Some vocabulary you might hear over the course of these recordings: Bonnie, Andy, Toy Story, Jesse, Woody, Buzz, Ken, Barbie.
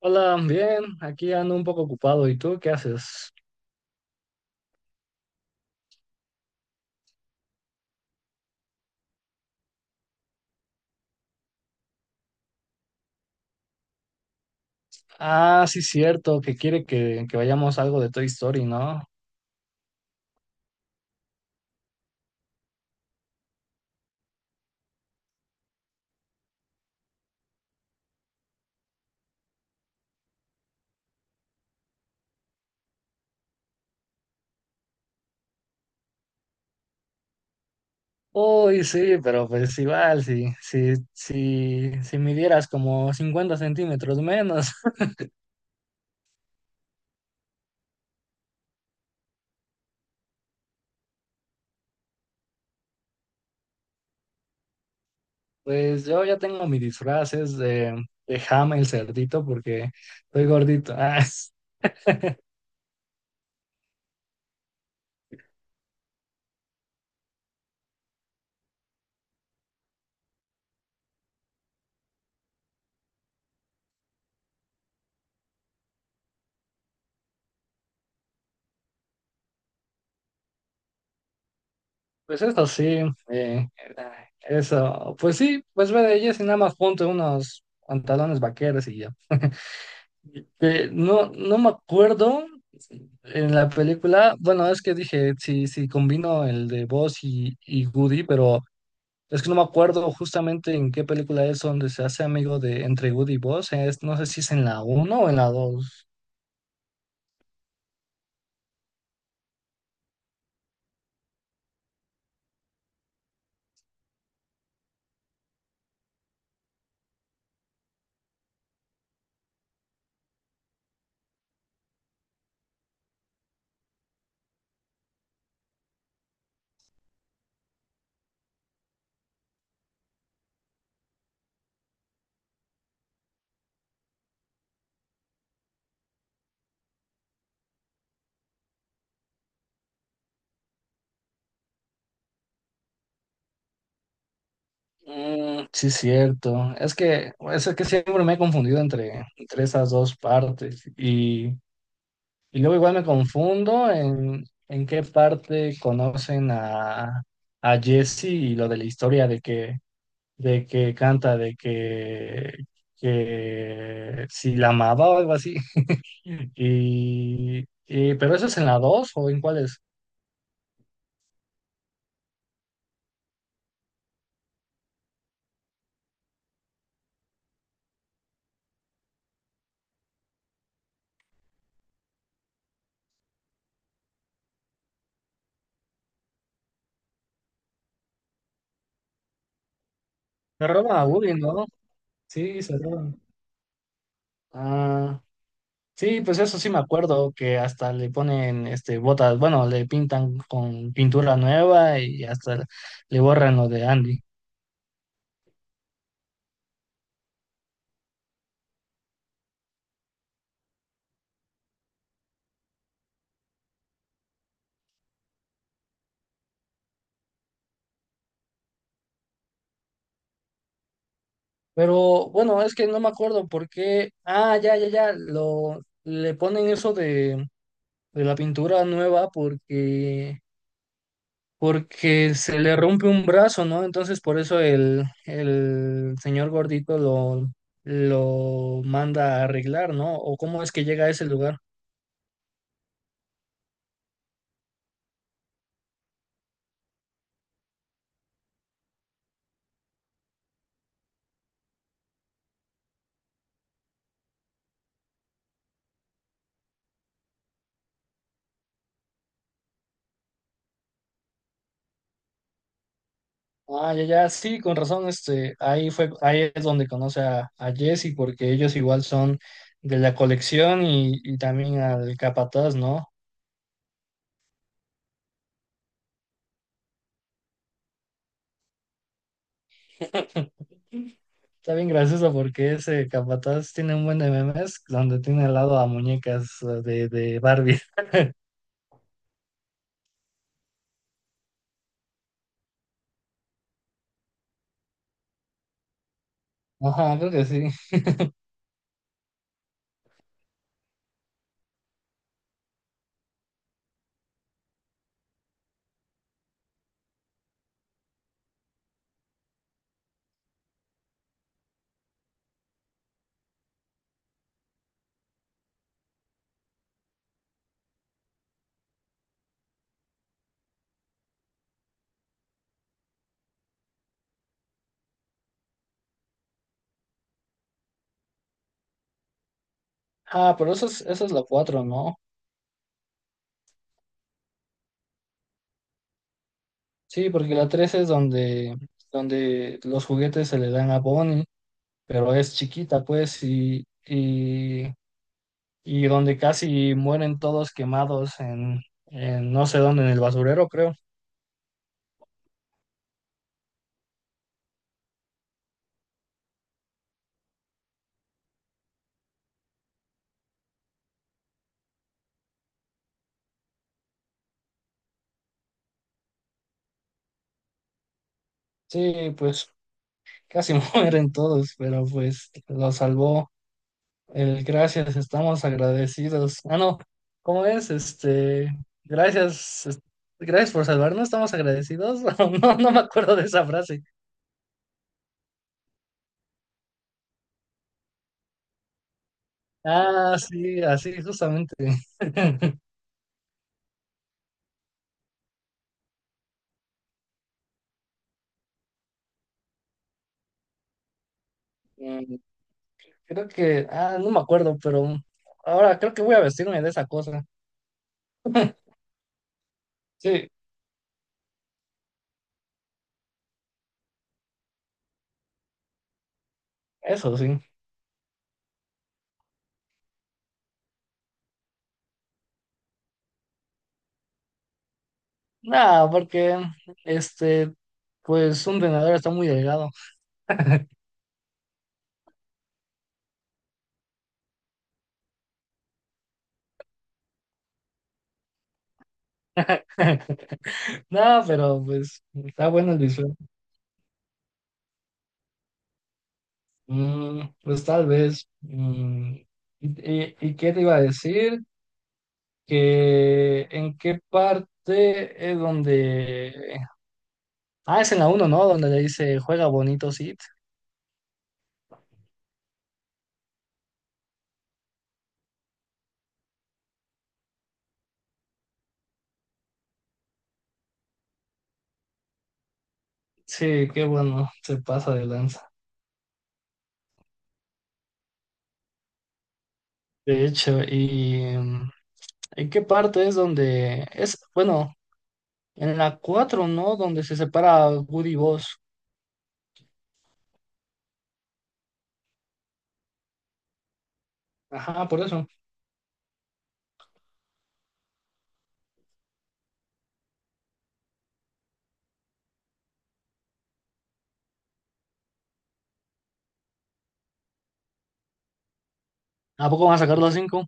Hola, bien, aquí ando un poco ocupado. ¿Y tú qué haces? Ah, sí, cierto, que quiere que vayamos a algo de Toy Story, ¿no? Uy, sí, pero pues igual, si midieras como 50 cm menos. Pues yo ya tengo mis disfraces de Ham el cerdito porque estoy gordito. Ah, pues eso sí. eh, Eso, pues sí, pues ve de ellas y nada más ponte unos pantalones vaqueros y ya. No, no me acuerdo. En la película, bueno, es que dije, sí, sí, combino el de Buzz y Woody, pero es que no me acuerdo justamente en qué película es donde se hace amigo de entre Woody y Buzz. No sé si es en la uno o en la dos. Mm, sí, cierto. Es que siempre me he confundido entre esas dos partes. Y luego igual me confundo en qué parte conocen a Jesse y lo de la historia de que canta, de que si la amaba o algo así. Pero eso es en la 2 o en cuál es. Se roba a Woody, ¿no? Sí, se roban. Ah, sí, pues eso sí me acuerdo que hasta le ponen botas, bueno, le pintan con pintura nueva y hasta le borran lo de Andy. Pero bueno, es que no me acuerdo por qué. Ah, ya, ya, ya, lo le ponen eso de la pintura nueva porque se le rompe un brazo, ¿no? Entonces por eso el señor gordito lo manda a arreglar, ¿no? ¿O cómo es que llega a ese lugar? Ah, ya, ya, sí, con razón, ahí fue, ahí es donde conoce a Jesse, porque ellos igual son de la colección y también al capataz, ¿no? Está bien gracioso porque ese capataz tiene un buen de memes donde tiene al lado a muñecas de Barbie. Ajá, creo que sí. Ah, pero eso es la 4, ¿no? Sí, porque la 3 es donde los juguetes se le dan a Bonnie, pero es chiquita, pues, y donde casi mueren todos quemados en no sé dónde, en el basurero, creo. Sí, pues casi mueren todos, pero pues lo salvó. El gracias, estamos agradecidos. Ah, no, ¿cómo es? Gracias, gracias por salvarnos, estamos agradecidos. No, no me acuerdo de esa frase. Ah, sí, así, justamente. Mm, Creo que, no me acuerdo, pero ahora creo que voy a vestirme de esa cosa. Sí, eso sí. Nada, porque, este, pues un vendedor está muy delgado. Nada, pero pues está bueno el disfraz. Pues tal vez. ¿Y qué te iba a decir? Que en qué parte es donde. Ah, es en la uno, ¿no? Donde le dice, juega bonito, sí. Sí, qué bueno, se pasa de lanza. De hecho, ¿y en qué parte es donde es? Bueno, en la 4, ¿no? Donde se separa Woody y Buzz. Ajá, por eso. ¿A poco van a sacar la 5?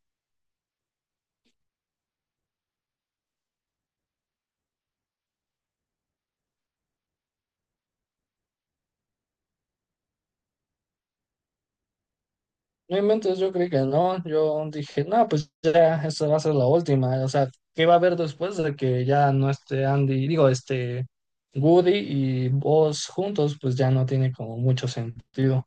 No inventes, yo creí que no. Yo dije, no, pues ya, esta va a ser la última. O sea, ¿qué va a haber después de que ya no esté Andy? Digo, Woody y Buzz juntos, pues ya no tiene como mucho sentido.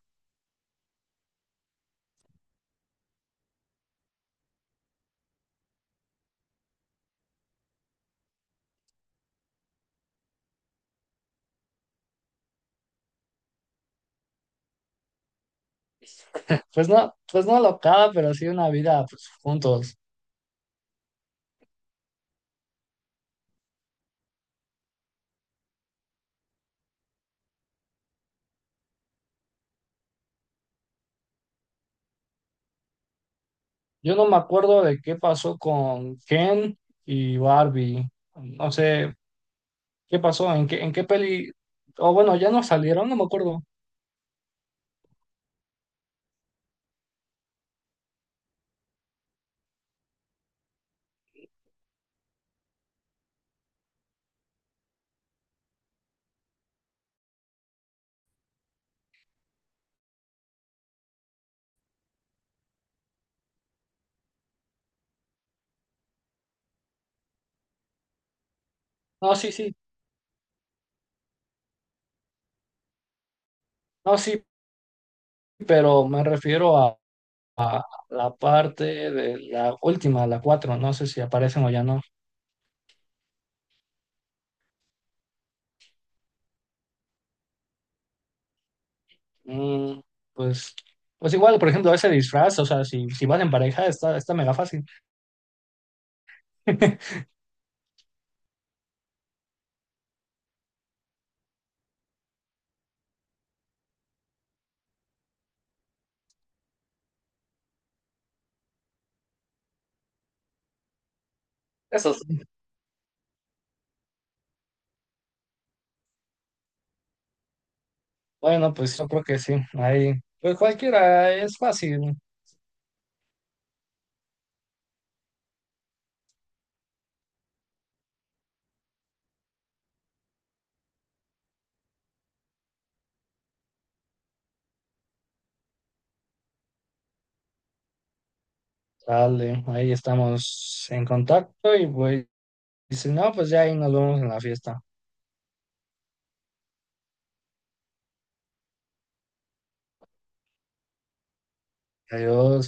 Pues no locada, pero sí una vida, pues juntos. Yo no me acuerdo de qué pasó con Ken y Barbie. No sé qué pasó, en qué peli. O bueno, ya no salieron, no me acuerdo. No, sí, sí. No, sí, pero me refiero a la parte de la última, la cuatro. No sé si aparecen o ya no. Mm, pues, pues igual, por ejemplo, ese disfraz, o sea, si van en pareja, está mega fácil. Eso sí. Bueno, pues yo creo que sí. Ahí, pues cualquiera es fácil. Dale, ahí estamos en contacto y pues, si no, pues ya ahí nos vemos en la fiesta. Adiós.